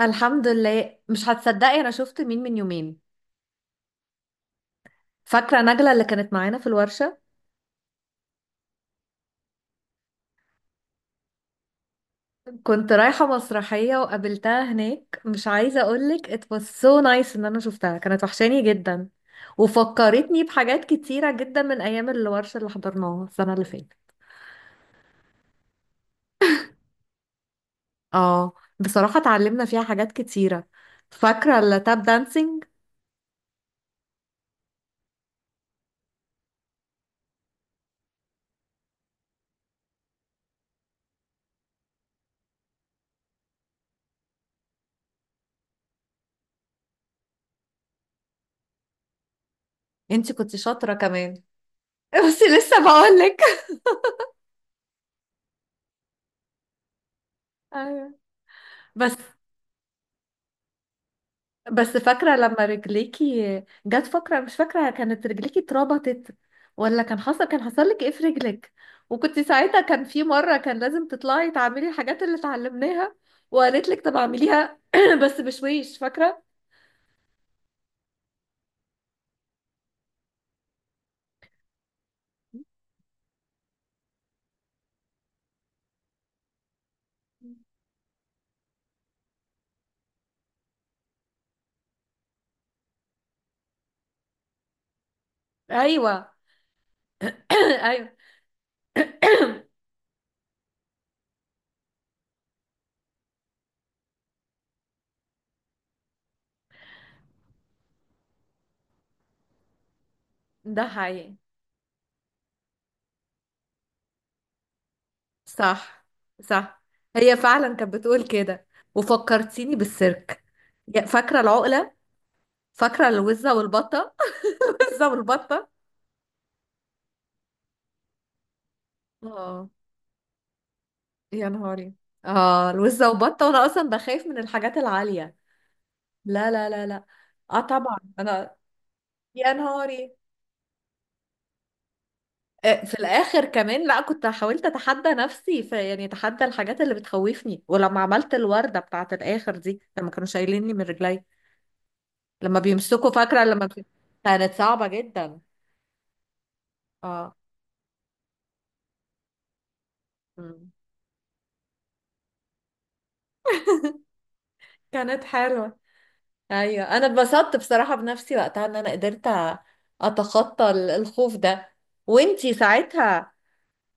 الحمد لله، مش هتصدقي انا شفت مين من يومين. فاكره نجله اللي كانت معانا في الورشه. كنت رايحه مسرحيه وقابلتها هناك، مش عايزه اقولك it was so nice ان انا شفتها، كانت وحشاني جدا. وفكرتني بحاجات كتيره جدا من ايام الورشه اللي حضرناها السنه اللي فاتت. اه. بصراحه اتعلمنا فيها حاجات كتيره. فاكره التاب دانسينج. انتي كنت شاطره كمان. بس لسه بقولك. ايوه. بس بس فاكرة لما رجليكي جت، فاكرة، مش فاكرة، كانت رجليكي اتربطت ولا كان حصل لك ايه في رجلك؟ وكنت ساعتها، كان في مرة كان لازم تطلعي تعملي الحاجات اللي اتعلمناها، وقالت لك طب اعمليها بس بشويش، فاكرة؟ ايوه. ايوه. ده حقيقي. صح. صح. هي فعلا كانت بتقول كده. وفكرتيني بالسيرك. فاكرة العقلة. فاكرة الوزة والبطة. الوزة والبطة. اه يا نهاري. اه الوزة وبطة، وانا اصلا بخاف من الحاجات العالية. لا لا لا لا. اه طبعا انا. يا نهاري. في الاخر كمان، لا كنت حاولت اتحدى نفسي في، يعني اتحدى الحاجات اللي بتخوفني. ولما عملت الوردة بتاعت الاخر دي لما كانوا شايليني من رجلي، لما بيمسكوا فاكرة لما كانت صعبة جدا. اه. مم. كانت حلوة. ايوه، انا اتبسطت بصراحة بنفسي وقتها ان انا قدرت اتخطى الخوف ده. وانتي ساعتها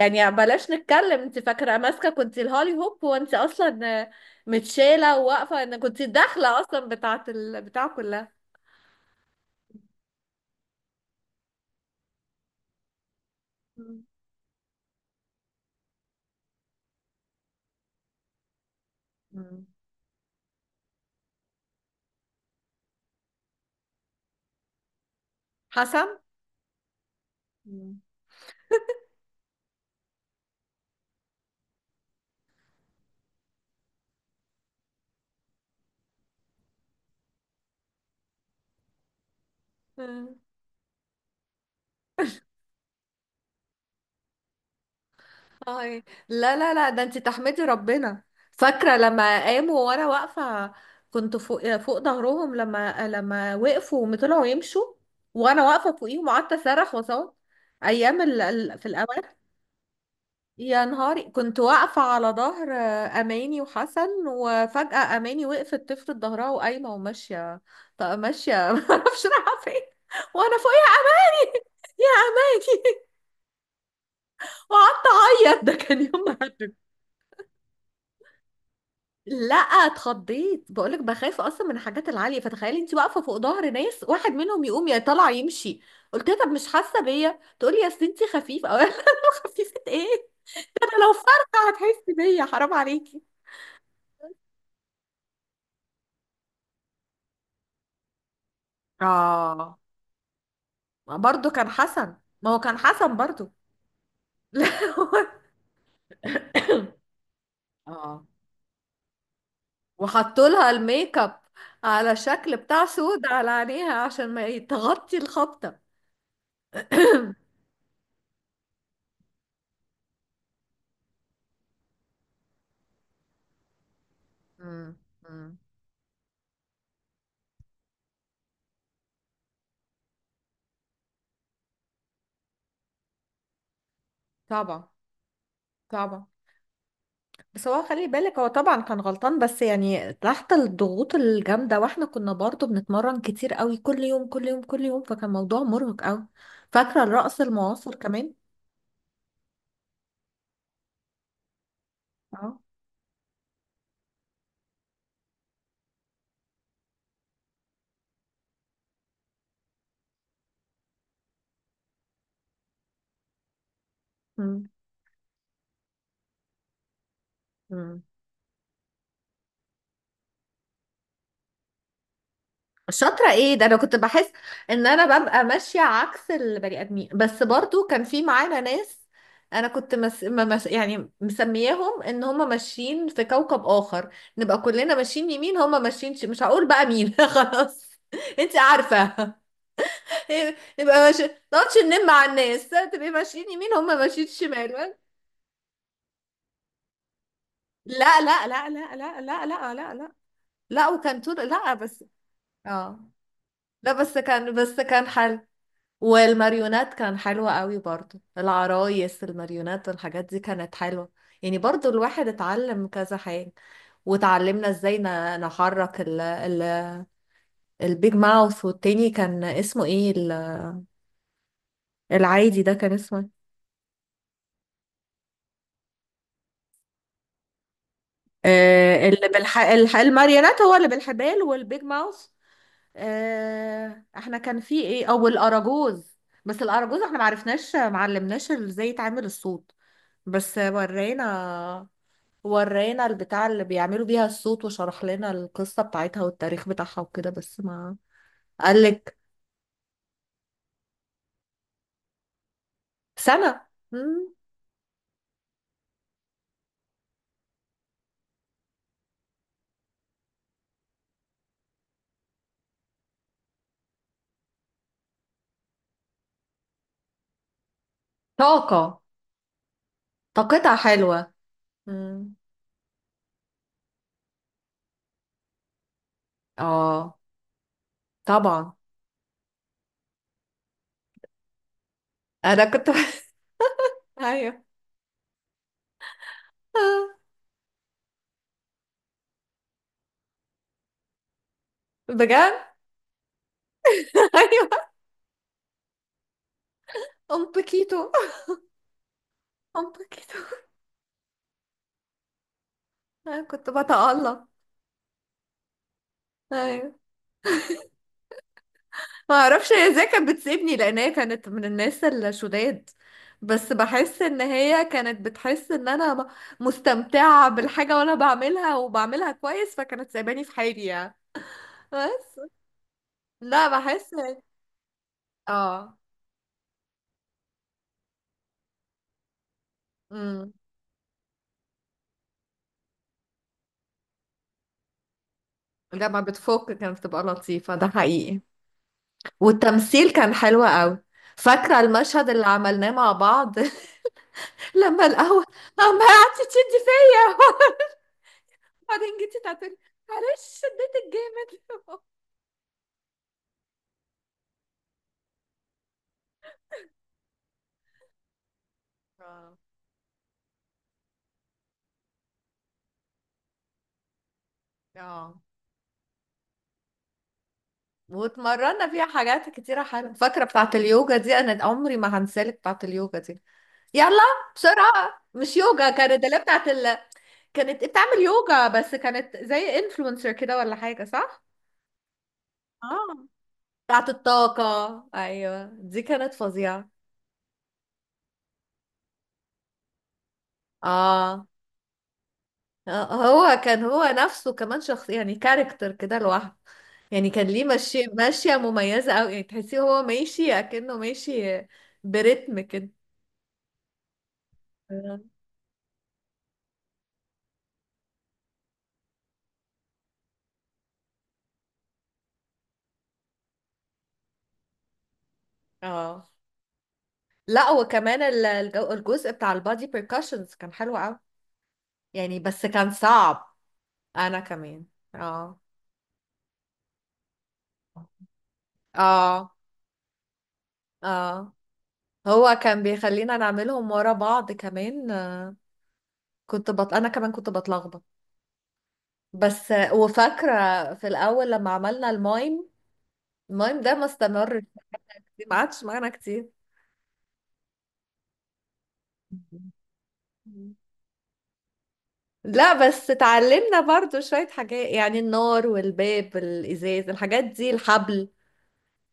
يعني بلاش نتكلم، انت فاكره ماسكه كنت الهولي هوب، وانت اصلا متشاله وواقفه ان كنت الداخله اصلا بتاعه البتاع كلها. مم. مم. حسن. مم. مم. هاي لا لا لا، ده انت تحمدي ربنا. فاكره لما قاموا وانا واقفه، كنت فوق فوق ظهرهم، لما وقفوا وطلعوا يمشوا وانا واقفه فوقيهم، وقعدت اصرخ واصوت. ايام في الاوان. يا نهاري كنت واقفة على ظهر أماني وحسن، وفجأة أماني وقفت تفرد ظهرها وقايمة وماشية. طب ماشية معرفش رايحة فين. وأنا فوقيها، أماني. يا أماني. وقعدت أعيط. ده كان يوم مهدد. لا اتخضيت، بقولك بخاف أصلا من الحاجات العالية، فتخيلي أنت واقفة فوق ظهر ناس، واحد منهم يقوم يا طالع يمشي. قلت لها طب مش حاسة بيا؟ تقولي يا ستي خفيف، أو أنا خفيفة إيه؟ ده أنا لو فرقة هتحسي بيا، حرام عليكي. اه. ما برضو كان حسن. ما هو كان حسن برضو. لا. هو- اه. وحطوا لها الميك اب على شكل بتاع سود على عينيها عشان ما تغطي الخبطة. مم. مم. طبعا. طبعا. بس هو خلي بالك، هو طبعا كان غلطان، بس يعني تحت الضغوط الجامدة، واحنا كنا برضو بنتمرن كتير قوي كل يوم كل يوم كل يوم، فكان موضوع مرهق قوي. فاكرة الرقص المعاصر كمان. اه. مم. مم. شاطرة ايه ده! انا كنت بحس ان انا ببقى ماشية عكس البني ادمين، بس برضو كان في معانا ناس. انا كنت مس... ما مس... يعني مسمياهم ان هم ماشيين في كوكب اخر. نبقى كلنا ماشيين يمين، هم ماشيين مش هقول بقى مين. خلاص. انت عارفة. نبقى ماشي ما نقعدش نلم على الناس، تبقي ماشيين يمين، هم ماشيين شمال. لا لا لا لا لا لا لا لا لا. لا وكان طول لا بس. اه. لا بس كان حل. والماريونات كان حلوة قوي برضو، العرايس الماريونات والحاجات دي كانت حلوة. يعني برضو الواحد اتعلم كذا حاجة. وتعلمنا ازاي نحرك ال البيج ماوث، والتاني كان اسمه ايه العادي ده كان اسمه إيه؟ آه اللي الماريونات هو اللي بالحبال، والبيج ماوث. آه احنا كان في ايه او الاراجوز. بس الاراجوز احنا معرفناش، معلمناش ازاي يتعمل الصوت. بس ورينا، ورينا البتاع اللي بيعملوا بيها الصوت، وشرح لنا القصة بتاعتها والتاريخ بتاعها وكده، بس ما. قالك سنة. مم. طاقة. طاقتها حلوة. مم. اه طبعا انا كنت ايوه. آه، بجد. ايوه، ام بكيتو. ام بكيتو. انا كنت بتألق. ايوه. ما اعرفش هي ازاي كانت بتسيبني، لان هي كانت من الناس الشداد، بس بحس ان هي كانت بتحس ان انا مستمتعة بالحاجة وانا بعملها وبعملها كويس، فكانت سايباني في حالي يعني. بس. لا بحس. اه. امم. لما بتفك كانت بتبقى لطيفة، ده حقيقي. والتمثيل كان حلو قوي. فاكرة المشهد اللي عملناه مع بعض لما القهوة، اما قعدتي تشدي فيا وبعدين جيتي تعترفي. معلش شديتك جامد. اه. واتمرنا فيها حاجات كتيرة حلوة. فاكرة بتاعة اليوجا دي؟ أنا عمري ما هنسالك بتاعة اليوجا دي. يلا بسرعة، مش يوجا، كانت اللي بتاعة ال... كانت بتعمل يوجا بس كانت زي انفلونسر كده ولا حاجة، صح؟ اه. بتاعة الطاقة أيوة دي كانت فظيعة. اه، هو كان هو نفسه كمان شخص يعني كاركتر كده لوحده، يعني كان ليه ماشية، ماشية مميزة أوي، يعني تحسيه هو ماشي أكنه ماشي برتم كده. اه لا، وكمان الجزء بتاع البادي بيركاشنز كان حلو قوي. يعني بس كان صعب، انا كمان. اه. اه. اه. هو كان بيخلينا نعملهم ورا بعض كمان كنت انا كمان كنت بتلخبط. بس وفاكره في الاول لما عملنا المايم، المايم ده ما استمرش، ما قعدش معانا كتير. مم. لا بس اتعلمنا برضو شويه حاجات، يعني النار والباب الازاز الحاجات دي الحبل.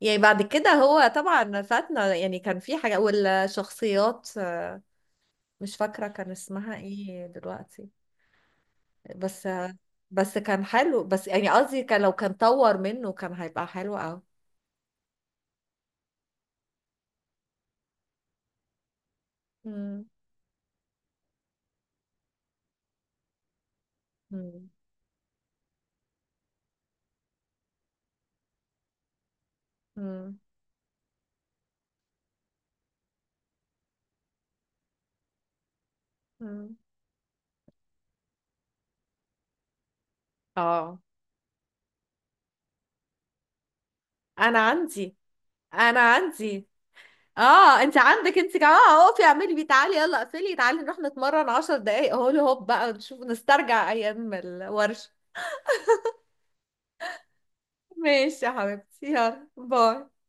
يعني بعد كده هو طبعا فاتنا، يعني كان في حاجة والشخصيات، مش فاكرة كان اسمها ايه دلوقتي. بس بس كان حلو، بس يعني قصدي كان لو كان طور منه كان هيبقى حلو أوي. مم. مم. مم. مم. اه انا عندي، انا عندي. اه انت عندك انت كمان، اه اقفي اعملي بيه، تعالي يلا، اقفلي تعالي نروح نتمرن 10 دقايق اهو، هوب بقى نشوف نسترجع ايام الورشة. ماشي يا حبيبتي، يلا باي.